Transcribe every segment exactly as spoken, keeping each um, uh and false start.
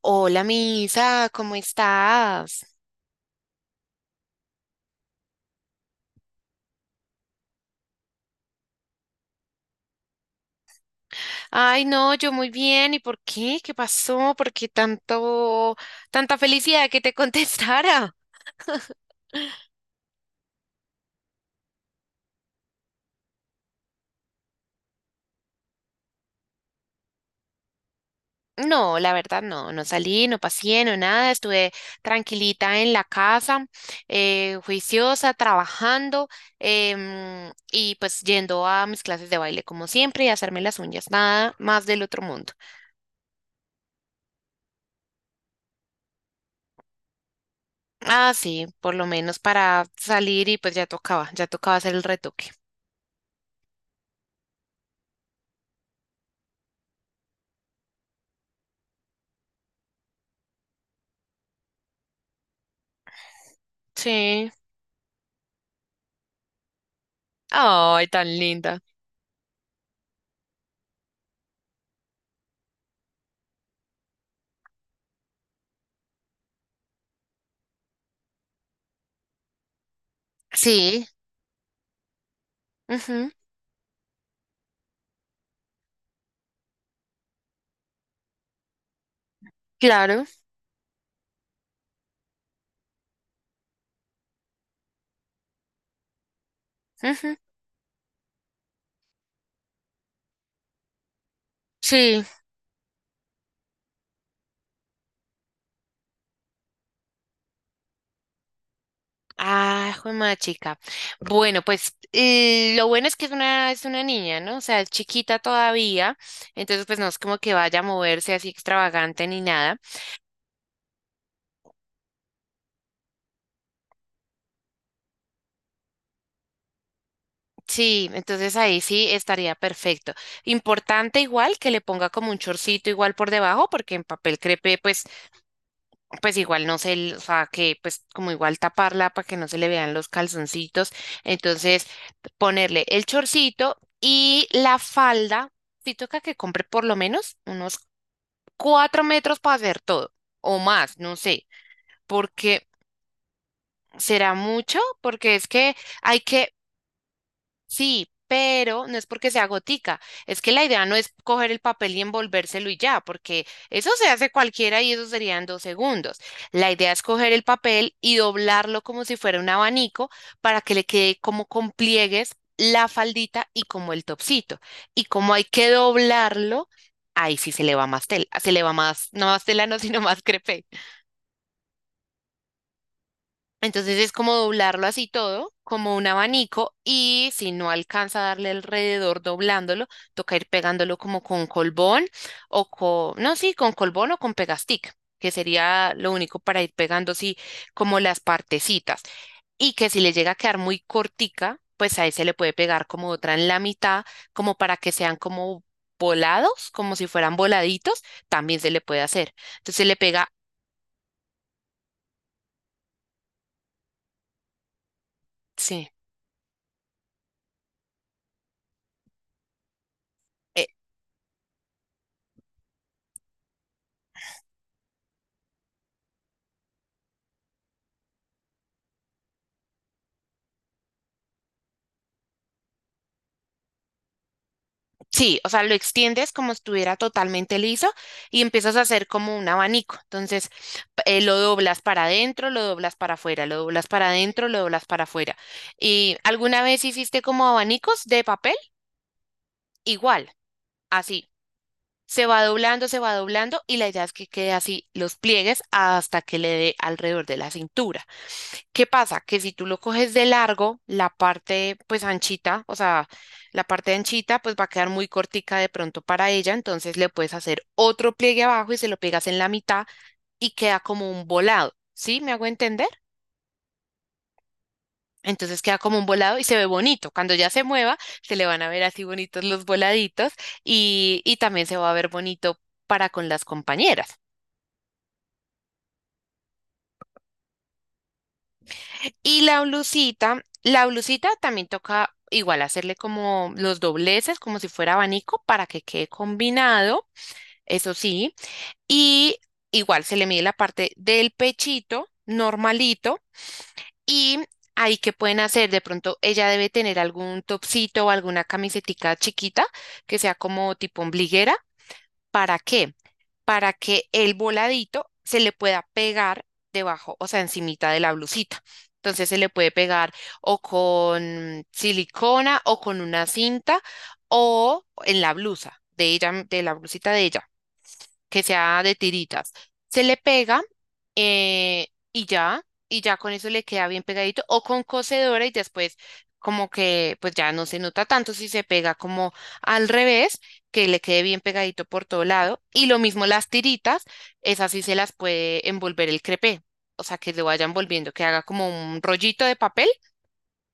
Hola, Misa, ¿cómo estás? Ay, no, yo muy bien. ¿Y por qué? ¿Qué pasó? ¿Por qué tanto, tanta felicidad que te contestara? No, la verdad no, no salí, no pasé, no nada, estuve tranquilita en la casa, eh, juiciosa, trabajando em, y pues yendo a mis clases de baile como siempre y hacerme las uñas, nada más del otro mundo. Ah, sí, por lo menos para salir y pues ya tocaba, ya tocaba hacer el retoque. Sí. Ay, tan linda. Sí, ujú, claro. Ujú, sí. Ah, de chica. Bueno, pues eh, lo bueno es que es una, es una niña, ¿no? O sea, es chiquita todavía. Entonces, pues no es como que vaya a moverse así extravagante ni nada. Sí, entonces ahí sí estaría perfecto. Importante igual que le ponga como un chorcito igual por debajo, porque en papel crepe, pues pues igual no se, l- o sea, que pues como igual taparla para que no se le vean los calzoncitos. Entonces, ponerle el chorcito y la falda, si toca que compre por lo menos unos cuatro metros para hacer todo, o más, no sé, porque será mucho, porque es que hay que Sí, pero no es porque sea gotica, es que la idea no es coger el papel y envolvérselo y ya, porque eso se hace cualquiera y eso sería en dos segundos. La idea es coger el papel y doblarlo como si fuera un abanico para que le quede como con pliegues la faldita y como el topsito. Y como hay que doblarlo, ahí sí se le va más tela, se le va más, no más tela, no, sino más crepe. Entonces es como doblarlo así todo, como un abanico, y si no alcanza a darle alrededor doblándolo, toca ir pegándolo como con colbón o con, no, sí, con colbón o con pegastick, que sería lo único para ir pegando así como las partecitas. Y que si le llega a quedar muy cortica, pues ahí se le puede pegar como otra en la mitad, como para que sean como volados, como si fueran voladitos, también se le puede hacer. Entonces se le pega, sí. Sí, o sea, lo extiendes como si estuviera totalmente liso y empiezas a hacer como un abanico. Entonces, p- eh, lo doblas para adentro, lo doblas para afuera, lo doblas para adentro, lo doblas para afuera. ¿Y alguna vez hiciste como abanicos de papel? Igual, así. Se va doblando, se va doblando y la idea es que quede así los pliegues hasta que le dé alrededor de la cintura. ¿Qué pasa? Que si tú lo coges de largo, la parte pues anchita, o sea, la parte anchita pues va a quedar muy cortica de pronto para ella, entonces le puedes hacer otro pliegue abajo y se lo pegas en la mitad y queda como un volado, ¿sí? ¿Me hago entender? Entonces queda como un volado y se ve bonito. Cuando ya se mueva, se le van a ver así bonitos los voladitos y, y también se va a ver bonito para con las compañeras. Y la blusita, la blusita también toca igual hacerle como los dobleces, como si fuera abanico, para que quede combinado, eso sí. Y igual se le mide la parte del pechito normalito y ahí que pueden hacer, de pronto ella debe tener algún topsito o alguna camisetica chiquita que sea como tipo ombliguera. ¿Para qué? Para que el voladito se le pueda pegar debajo, o sea, encimita de la blusita. Entonces se le puede pegar o con silicona o con una cinta o en la blusa de ella, de la blusita de ella que sea de tiritas. Se le pega eh, y ya, y ya con eso le queda bien pegadito o con cocedora y después como que pues ya no se nota tanto si se pega como al revés, que le quede bien pegadito por todo lado. Y lo mismo las tiritas, esas sí se las puede envolver el crepé. O sea, que lo vayan volviendo, que haga como un rollito de papel,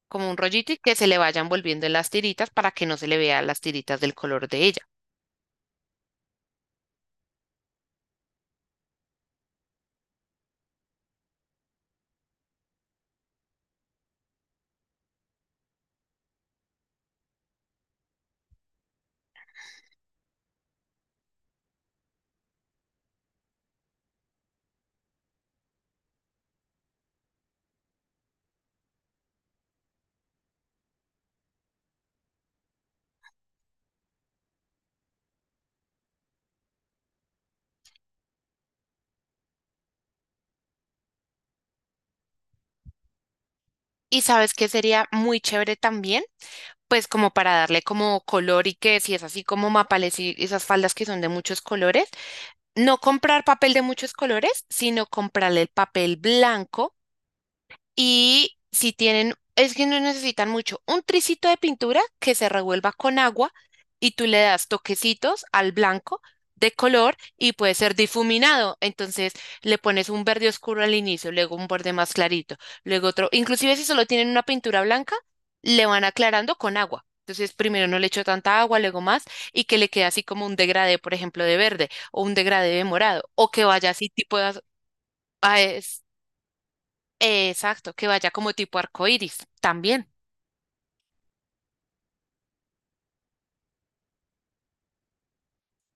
como un rollito y que se le vayan volviendo en las tiritas para que no se le vean las tiritas del color de ella. ¿Y sabes qué sería muy chévere también? Pues como para darle como color y que si es así como mapales y esas faldas que son de muchos colores, no comprar papel de muchos colores, sino comprarle el papel blanco y si tienen, es que no necesitan mucho, un tricito de pintura que se revuelva con agua y tú le das toquecitos al blanco de color y puede ser difuminado. Entonces le pones un verde oscuro al inicio, luego un verde más clarito, luego otro. Inclusive si solo tienen una pintura blanca, le van aclarando con agua. Entonces primero no le echo tanta agua, luego más, y que le quede así como un degradé, por ejemplo, de verde o un degradé de morado, o que vaya así tipo de az- Exacto, que vaya como tipo arcoíris también.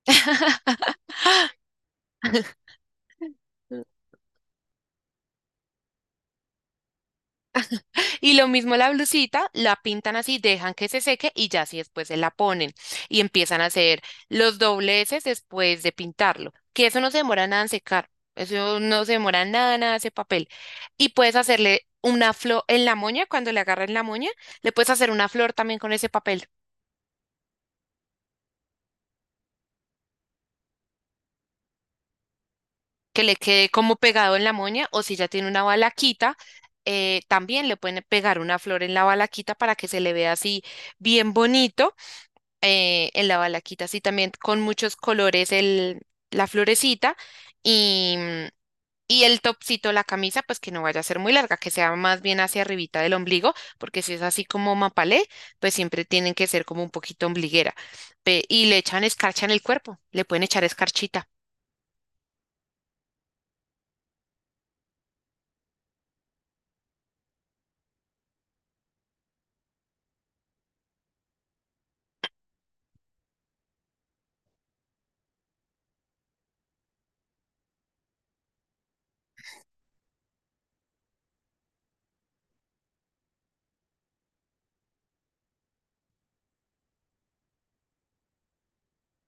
Y lo mismo la blusita, la pintan así, dejan que se seque y ya así después se la ponen y empiezan a hacer los dobleces después de pintarlo, que eso no se demora nada en secar, eso no se demora nada, nada ese papel. Y puedes hacerle una flor en la moña, cuando le agarran la moña, le puedes hacer una flor también con ese papel. Que le quede como pegado en la moña, o si ya tiene una balaquita, eh, también le pueden pegar una flor en la balaquita para que se le vea así bien bonito eh, en la balaquita, así también con muchos colores el, la florecita y, y el topcito, la camisa, pues que no vaya a ser muy larga, que sea más bien hacia arribita del ombligo, porque si es así como mapalé, pues siempre tienen que ser como un poquito ombliguera. Pe- y le echan escarcha en el cuerpo, le pueden echar escarchita.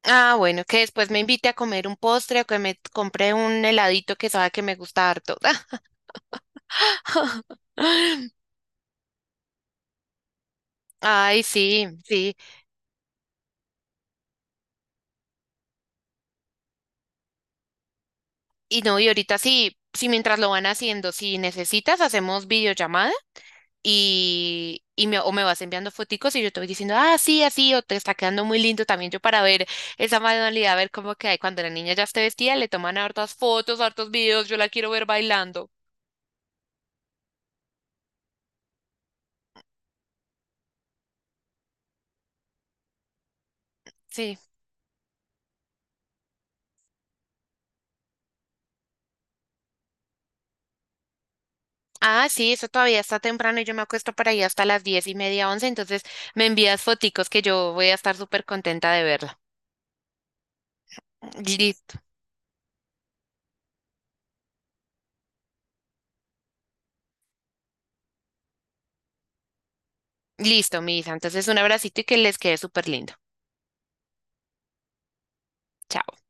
Ah, bueno, que después me invite a comer un postre o que me compre un heladito que sabe que me gusta harto. Ay, sí, sí. Y no, y ahorita sí, sí, mientras lo van haciendo, si necesitas, hacemos videollamada y, y me, o me vas enviando foticos y yo te voy diciendo, ah, sí, así, o te está quedando muy lindo también yo para ver esa manualidad, a ver cómo que hay cuando la niña ya esté vestida, le toman hartas fotos, hartos videos, yo la quiero ver bailando. Sí. Ah, sí, eso todavía está temprano y yo me acuesto para ahí hasta las diez y media, once, entonces me envías foticos que yo voy a estar súper contenta de verla. Listo, listo, Misa. Entonces un abracito y que les quede súper lindo. Chao.